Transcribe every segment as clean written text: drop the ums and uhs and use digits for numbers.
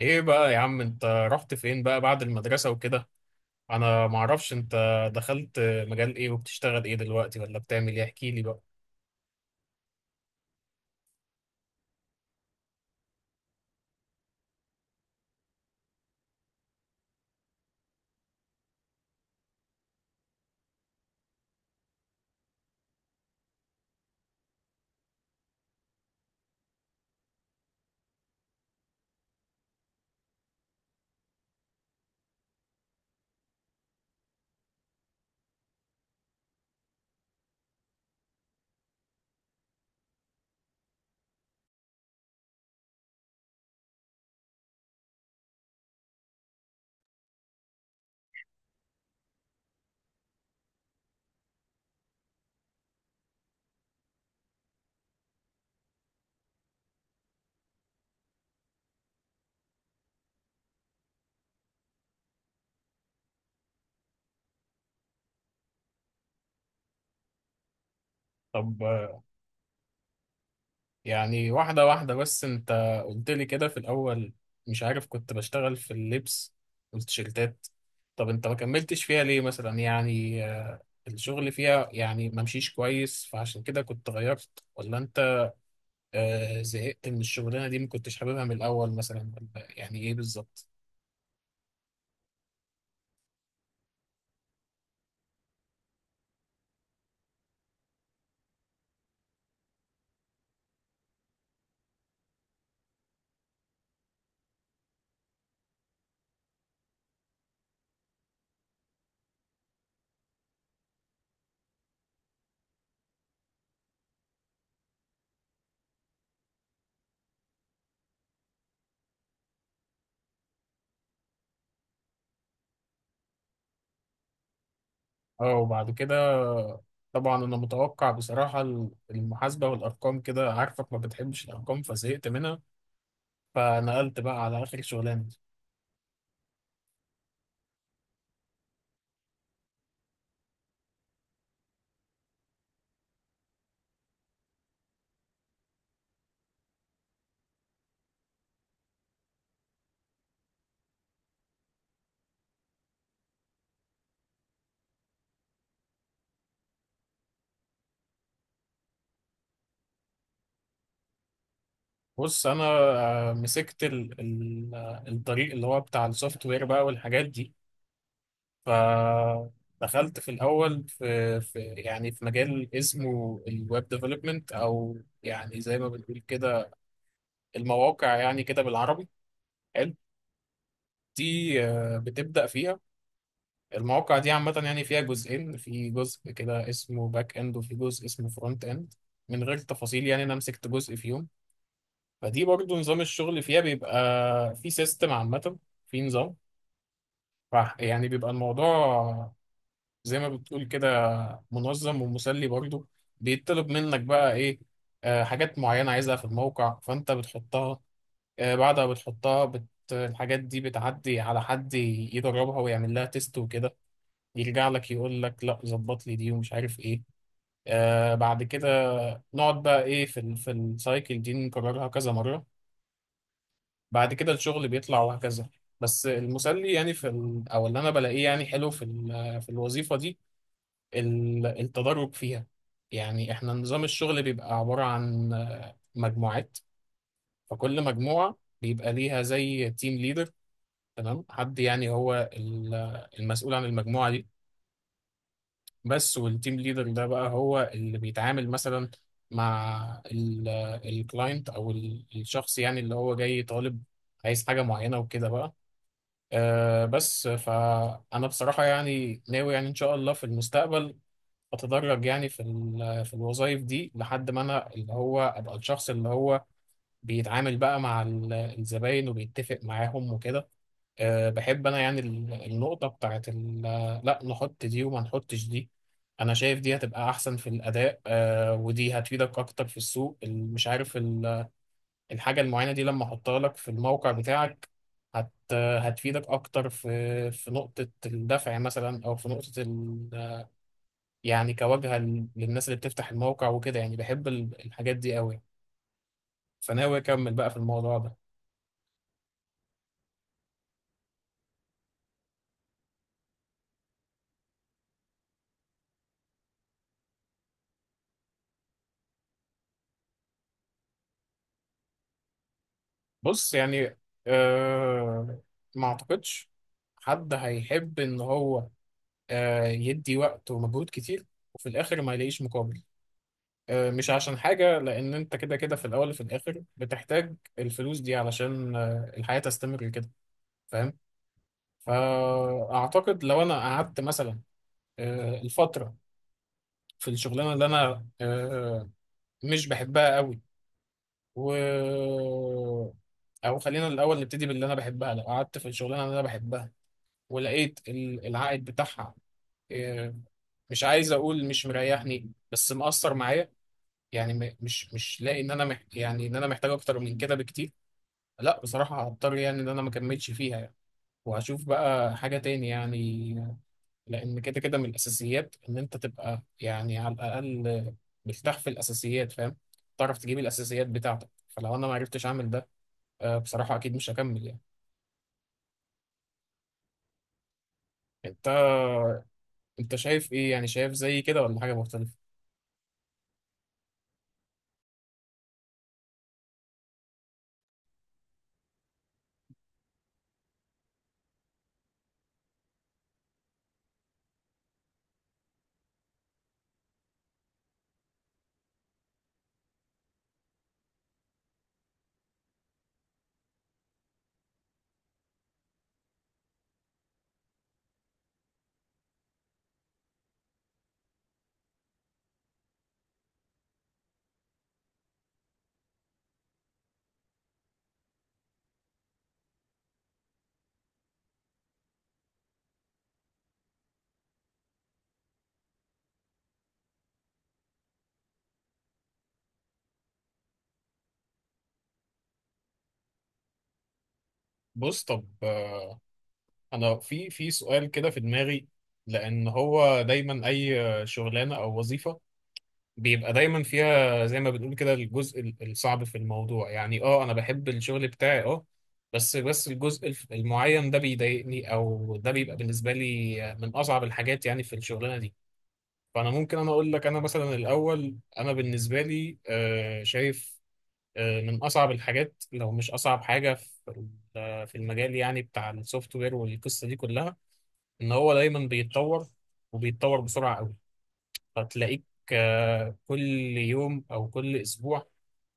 ايه بقى يا عم، انت رحت فين بقى بعد المدرسة وكده؟ انا معرفش انت دخلت مجال ايه وبتشتغل ايه دلوقتي، ولا بتعمل ايه؟ احكي لي بقى. طب يعني واحدة واحدة. بس انت قلت لي كده في الاول، مش عارف، كنت بشتغل في اللبس والتيشيرتات. طب انت ما كملتش فيها ليه؟ مثلا يعني الشغل فيها يعني ما مشيش كويس فعشان كده كنت غيرت، ولا انت زهقت من الشغلانة دي، ما كنتش حاببها من الاول مثلا، ولا يعني ايه بالظبط؟ اه، وبعد كده طبعا انا متوقع بصراحة المحاسبة والارقام، كده عارفك ما بتحبش الارقام فزهقت منها فنقلت بقى على اخر شغلانة. بص انا مسكت ال ال الطريق اللي هو بتاع السوفت وير بقى والحاجات دي. فدخلت في الاول في يعني في مجال اسمه الويب ديفلوبمنت، او يعني زي ما بنقول كده المواقع، يعني كده بالعربي. حلو. دي بتبدأ فيها. المواقع دي عامة يعني فيها جزئين، في جزء كده اسمه باك اند وفي جزء اسمه فرونت اند. من غير تفاصيل يعني، انا مسكت جزء فيهم. فدي برضو نظام الشغل فيها بيبقى في سيستم عامة، في نظام. يعني بيبقى الموضوع زي ما بتقول كده منظم ومسلي برضو. بيطلب منك بقى ايه؟ آه، حاجات معينة عايزها في الموقع فانت بتحطها. آه، بعد ما بتحطها الحاجات دي بتعدي على حد يدربها ويعمل لها تيست وكده، يرجع لك يقول لك لا، ظبط لي دي ومش عارف ايه. آه، بعد كده نقعد بقى ايه في السايكل دي نكررها كذا مرة. بعد كده الشغل بيطلع وهكذا. بس المسلي يعني في ال او اللي انا بلاقيه يعني حلو في الوظيفة دي التدرج فيها. يعني احنا نظام الشغل بيبقى عبارة عن مجموعات. فكل مجموعة بيبقى ليها زي تيم ليدر، تمام، حد يعني هو المسؤول عن المجموعة دي. بس والتيم ليدر ده بقى هو اللي بيتعامل مثلا مع الكلاينت او الشخص يعني اللي هو جاي طالب عايز حاجة معينة وكده بقى. أه، بس فأنا بصراحة يعني ناوي، يعني إن شاء الله في المستقبل أتدرج يعني في الوظائف دي لحد ما أنا اللي هو أبقى الشخص اللي هو بيتعامل بقى مع الزباين وبيتفق معاهم وكده. أه، بحب انا يعني النقطة بتاعت لا نحط دي وما نحطش دي. انا شايف دي هتبقى احسن في الاداء، أه، ودي هتفيدك اكتر في السوق، مش عارف الحاجة المعينة دي لما احطها لك في الموقع بتاعك هتفيدك اكتر في نقطة الدفع مثلا، او في نقطة ال، يعني كواجهة للناس اللي بتفتح الموقع وكده. يعني بحب الحاجات دي قوي، فناوي اكمل بقى في الموضوع ده. بص، يعني آه، ما اعتقدش حد هيحب ان هو آه، يدي وقت ومجهود كتير وفي الاخر ما يلاقيش مقابل. آه، مش عشان حاجة، لان انت كده كده في الاول وفي الاخر بتحتاج الفلوس دي علشان آه، الحياة تستمر كده، فاهم؟ فاعتقد لو انا قعدت مثلا آه، الفترة في الشغلانة اللي انا آه، مش بحبها قوي، و، او خلينا الاول نبتدي باللي انا بحبها. لو قعدت في الشغلانه اللي انا بحبها ولقيت العائد بتاعها آه، مش عايز اقول مش مريحني، بس مأثر معايا، يعني مش لاقي ان انا يعني ان انا محتاج اكتر من كده بكتير، لا، بصراحة هضطر يعني ان انا ما اكملش فيها يعني، وهشوف بقى حاجة تاني يعني. لان كده كده من الاساسيات ان انت تبقى يعني على الاقل مرتاح في الاساسيات، فاهم، تعرف تجيب الاساسيات بتاعتك. فلو انا ما عرفتش اعمل ده آه، بصراحة اكيد مش هكمل يعني. انت انت شايف ايه؟ يعني شايف زي كده ولا حاجة مختلفة؟ بص، طب آه، انا في سؤال كده في دماغي. لان هو دايما اي آه، شغلانه او وظيفه بيبقى دايما فيها زي ما بنقول كده الجزء الصعب في الموضوع. يعني اه، انا بحب الشغل بتاعي، اه، بس الجزء المعين ده بيضايقني، او ده بيبقى بالنسبه لي آه، من اصعب الحاجات يعني في الشغلانه دي. فانا ممكن انا اقول لك انا مثلا الاول، انا بالنسبه لي آه، شايف آه، من أصعب الحاجات لو مش أصعب حاجة في المجال يعني بتاع السوفت وير والقصة دي كلها، إن هو دايما بيتطور وبيتطور بسرعة قوي. فتلاقيك آه، كل يوم أو كل أسبوع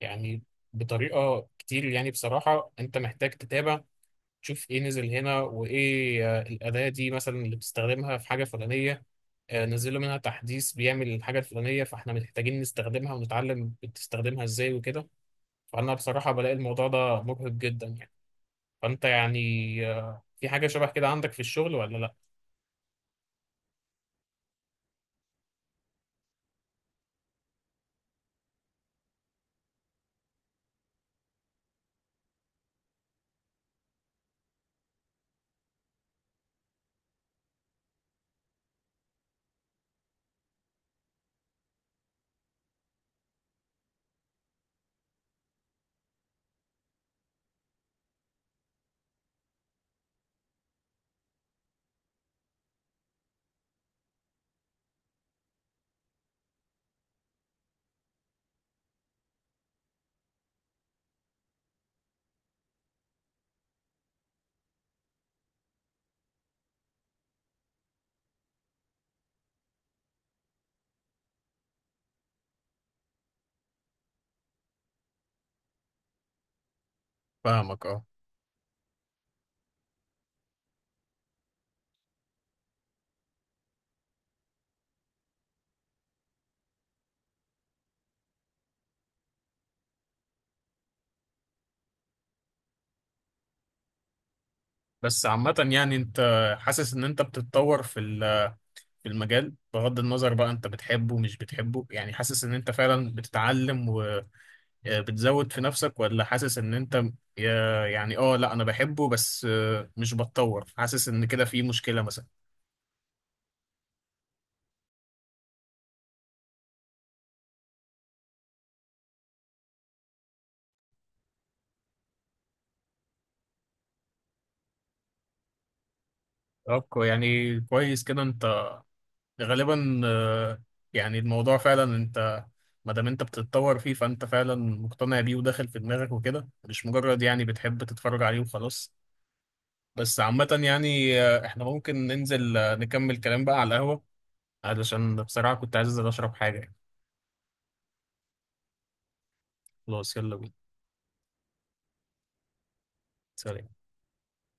يعني بطريقة كتير يعني بصراحة أنت محتاج تتابع، تشوف إيه نزل هنا وإيه آه، الأداة دي مثلا اللي بتستخدمها في حاجة فلانية آه، نزلوا منها تحديث بيعمل الحاجة الفلانية فإحنا محتاجين نستخدمها ونتعلم بتستخدمها إزاي وكده. فأنا بصراحة بلاقي الموضوع ده مرهق جدا يعني. فأنت يعني آه، في حاجة شبه كده عندك في الشغل ولا لأ؟ فاهمك، اه. بس عامة يعني أنت حاسس إن أنت بتتطور في المجال، بغض النظر بقى أنت بتحبه مش بتحبه، يعني حاسس إن أنت فعلا بتتعلم وبتزود في نفسك، ولا حاسس إن أنت يعني اه لا أنا بحبه بس آه، مش بتطور، حاسس إن كده في مشكلة مثلا؟ طب يعني كويس كده. غالبا آه، يعني الموضوع فعلا انت ما دام انت بتتطور فيه، فانت فعلا مقتنع بيه وداخل في دماغك وكده، مش مجرد يعني بتحب تتفرج عليه وخلاص. بس عامة يعني آه، احنا ممكن ننزل آه، نكمل كلام بقى على القهوة، علشان بصراحة كنت عايز انزل اشرب حاجة يعني. خلاص يلا بينا. سلام.